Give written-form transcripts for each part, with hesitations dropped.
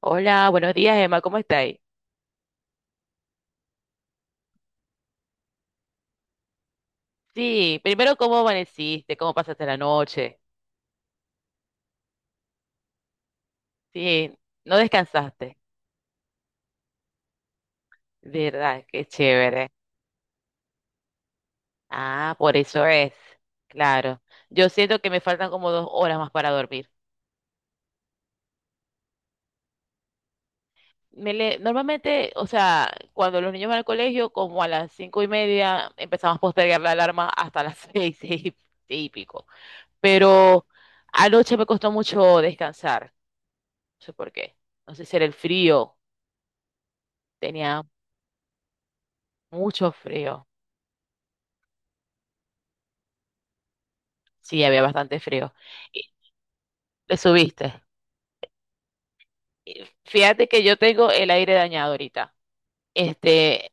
Hola, buenos días, Emma, ¿cómo estáis? Sí, primero, ¿cómo amaneciste? ¿Cómo pasaste la noche? Sí, no descansaste. ¿Verdad? Qué chévere. Ah, por eso es. Claro. Yo siento que me faltan como 2 horas más para dormir. Normalmente, o sea, cuando los niños van al colegio, como a las 5:30, empezamos a postergar la alarma hasta las seis y pico. Pero anoche me costó mucho descansar. No sé por qué. No sé si era el frío. Tenía mucho frío. Sí, había bastante frío. Y te subiste. Y fíjate que yo tengo el aire dañado ahorita. Este,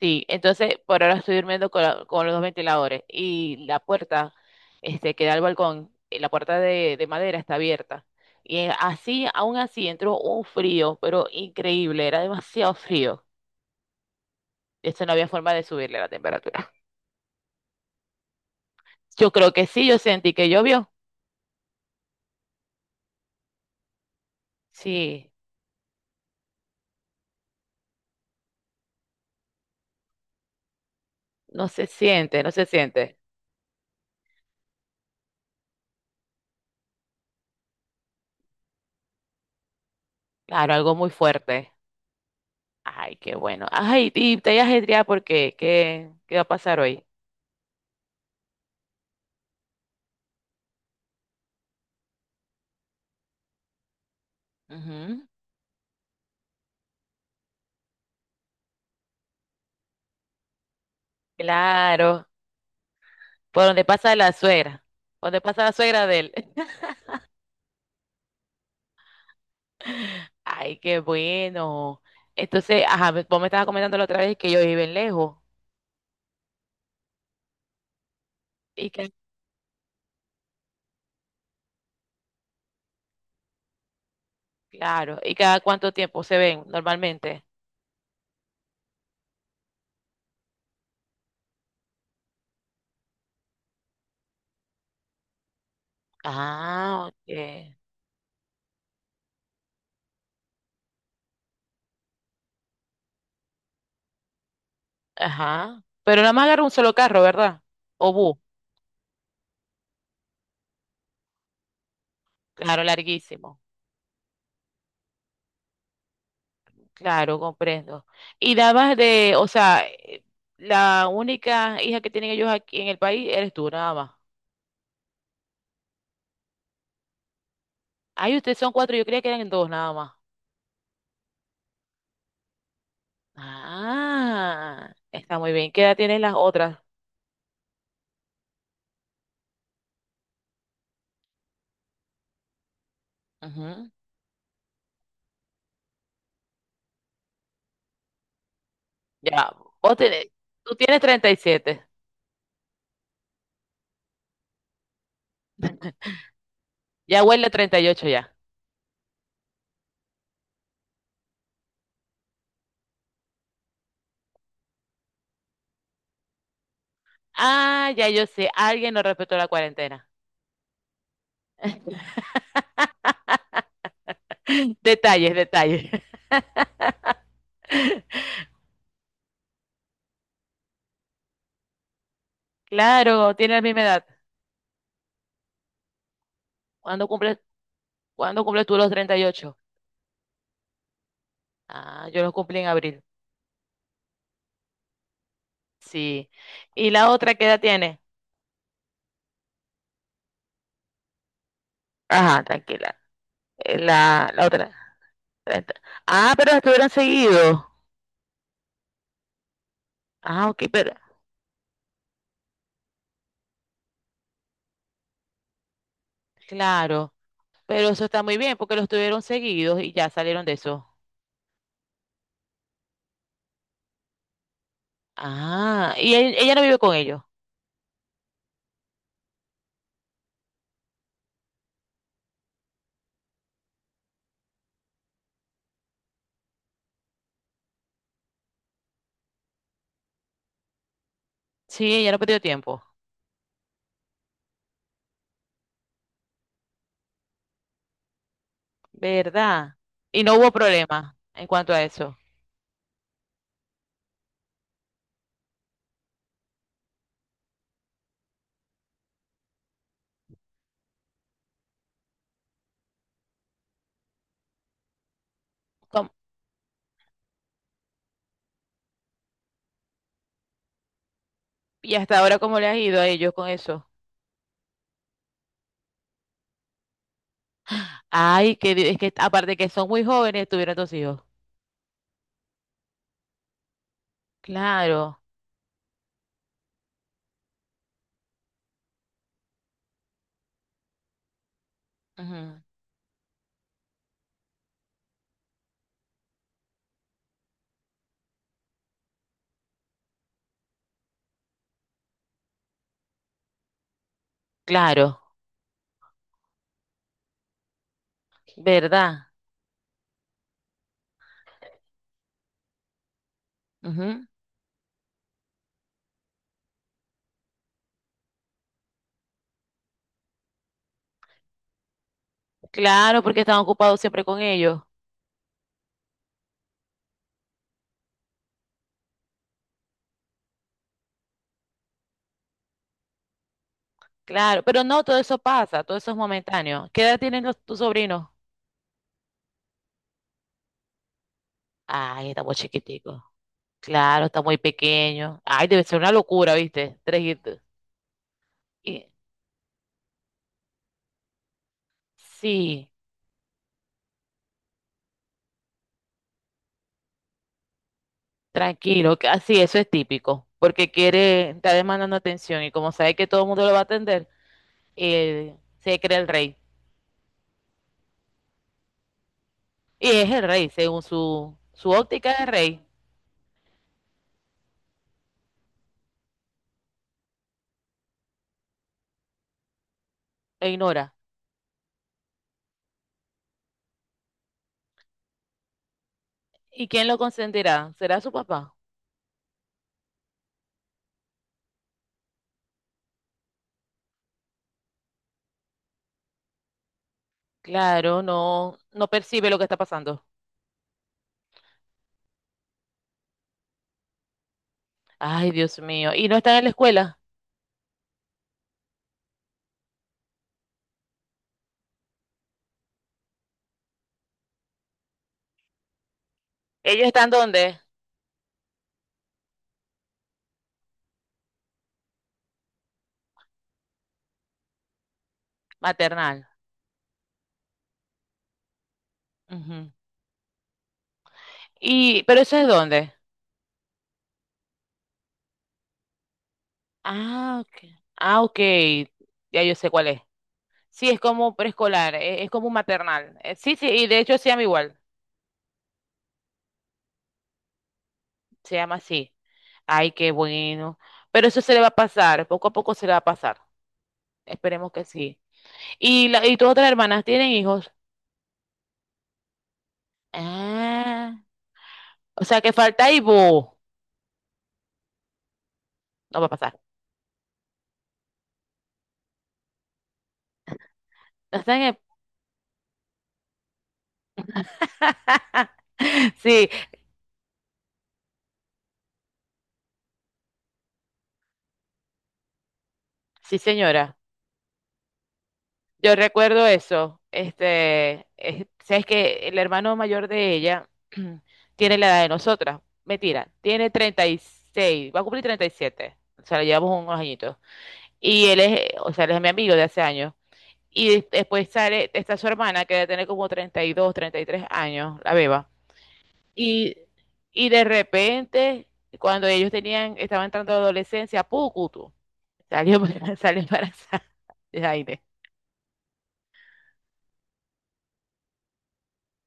sí, entonces por ahora estoy durmiendo con, con los dos ventiladores y la puerta, que da al balcón, la puerta de madera está abierta. Y así, aún así, entró un frío, pero increíble, era demasiado frío. Eso no había forma de subirle la temperatura. Yo creo que sí, yo sentí que llovió. Sí, no se siente, no se siente. Claro, algo muy fuerte. Ay, qué bueno. Ay, y te hayas ajetreada porque, ¿qué va a pasar hoy? Ujú. Claro, por donde pasa la suegra, por donde pasa la suegra de él. Ay, qué bueno. Entonces, ajá, vos me estabas comentando la otra vez que ellos viven lejos. Y que, claro, ¿y cada cuánto tiempo se ven normalmente? Ah, ok. Ajá. Pero nada más agarra un solo carro, ¿verdad? O bus, claro, larguísimo. Claro, comprendo. Y dabas o sea, la única hija que tienen ellos aquí en el país eres tú, nada más. Ay, ustedes son cuatro, yo creía que eran dos, nada más. Ah, está muy bien. ¿Qué edad tienen las otras? Ujú. Ya, vos tenés, tú tienes 37. Ya huele a 38 ya. Ah, ya yo sé, alguien no respetó la cuarentena. Detalles, detalles. Claro, tiene la misma edad. ¿Cuándo cumples, cuándo cumples tú los 38? Ah, yo los cumplí en abril. Sí. ¿Y la otra qué edad tiene? Ajá, tranquila. La otra. Treinta. Ah, pero estuvieron seguidos. Ah, ok, pero. Claro. Pero eso está muy bien porque los tuvieron seguidos y ya salieron de eso. Ah, ella no vive con ellos. Sí, ella no perdió tiempo. ¿Verdad? Y no hubo problema en cuanto a eso. ¿Cómo- ¿Y hasta ahora cómo le has ido a ellos con eso? Ay, es que aparte que son muy jóvenes, tuvieron dos hijos. Claro. Ujú. Claro, ¿verdad? Ujú. Claro, porque están ocupados siempre con ellos. Claro, pero no, todo eso pasa, todo eso es momentáneo. ¿Qué edad tienen tus sobrinos? Ay, está muy chiquitico. Claro, está muy pequeño. Ay, debe ser una locura, ¿viste? Tres hijitos. Y, sí, tranquilo, así, eso es típico, porque quiere, está demandando atención y como sabe que todo el mundo lo va a atender, se cree el rey. Y es el rey, según su óptica de rey, lo ignora. ¿Y quién lo consentirá? ¿Será su papá? Claro, no percibe lo que está pasando. Ay, Dios mío. ¿Y no están en la escuela? ¿Ellos están dónde? Maternal. Ujú. Y, ¿pero eso es dónde? Ah, ok. Ah, ok. Ya yo sé cuál es. Sí, es como preescolar, es, como un maternal. Sí, sí, y de hecho se llama igual. Se llama así. Ay, qué bueno. Pero eso se le va a pasar, poco a poco se le va a pasar. Esperemos que sí. ¿Y, la, y tus otras hermanas tienen hijos? Ah, o sea que falta y vos. No va a pasar. Sí, sí, señora. Yo recuerdo eso. Sabes que el hermano mayor de ella tiene la edad de nosotras. Mentira, tiene 36. Va a cumplir 37. O sea, le llevamos unos añitos. Y él es, o sea, él es mi amigo de hace años. Y después sale, está su hermana que debe tener como 32, 33 años, la beba. Y, y de repente, cuando ellos tenían, estaban entrando a la adolescencia, ¡pucutu! Salió, salió embarazada de aire.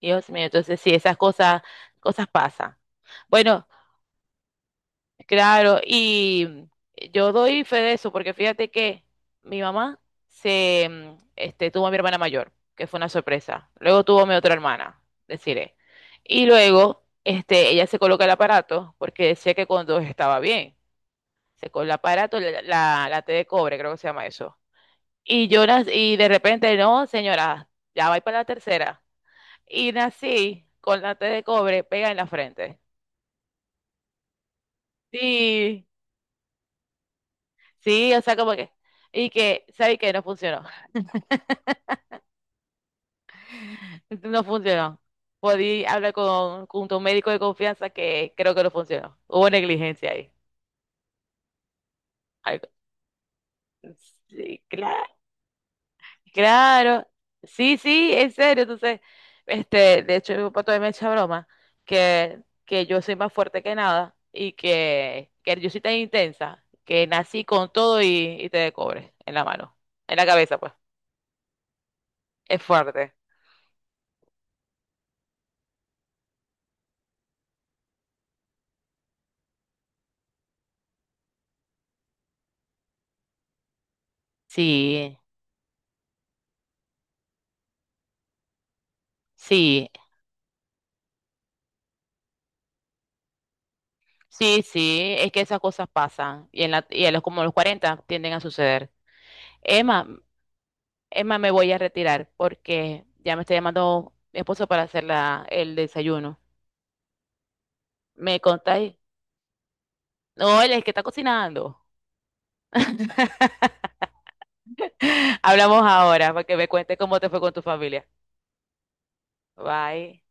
Dios mío, entonces sí, esas cosas, cosas pasan. Bueno, claro, y yo doy fe de eso, porque fíjate que mi mamá tuvo a mi hermana mayor, que fue una sorpresa. Luego tuvo a mi otra hermana, deciré. Y luego, ella se coloca el aparato, porque decía que cuando estaba bien. Se con el aparato, la T de cobre, creo que se llama eso. Y Jonas, y de repente, no, señora, ya va para la tercera. Y nací con la T de cobre pega en la frente. Sí, sí, o sea, como que. Y que, ¿sabes qué? No funcionó. No funcionó. Podí hablar con tu médico de confianza que creo que no funcionó. Hubo negligencia ahí. Algo. Sí, claro. Claro, sí, sí, en serio. Entonces, de hecho, mi papá todavía me echa broma que yo soy más fuerte que nada y que yo soy tan intensa que nací con todo y te de cobre en la mano, en la cabeza, pues. Es fuerte. Sí, sí, sí, sí, es que esas cosas pasan y en la, y a los como a los 40 tienden a suceder. Emma, Emma, me voy a retirar porque ya me está llamando mi esposo para hacer el desayuno. ¿Me contáis? No, él es el que está cocinando. Hablamos ahora para que me cuentes cómo te fue con tu familia. Bye.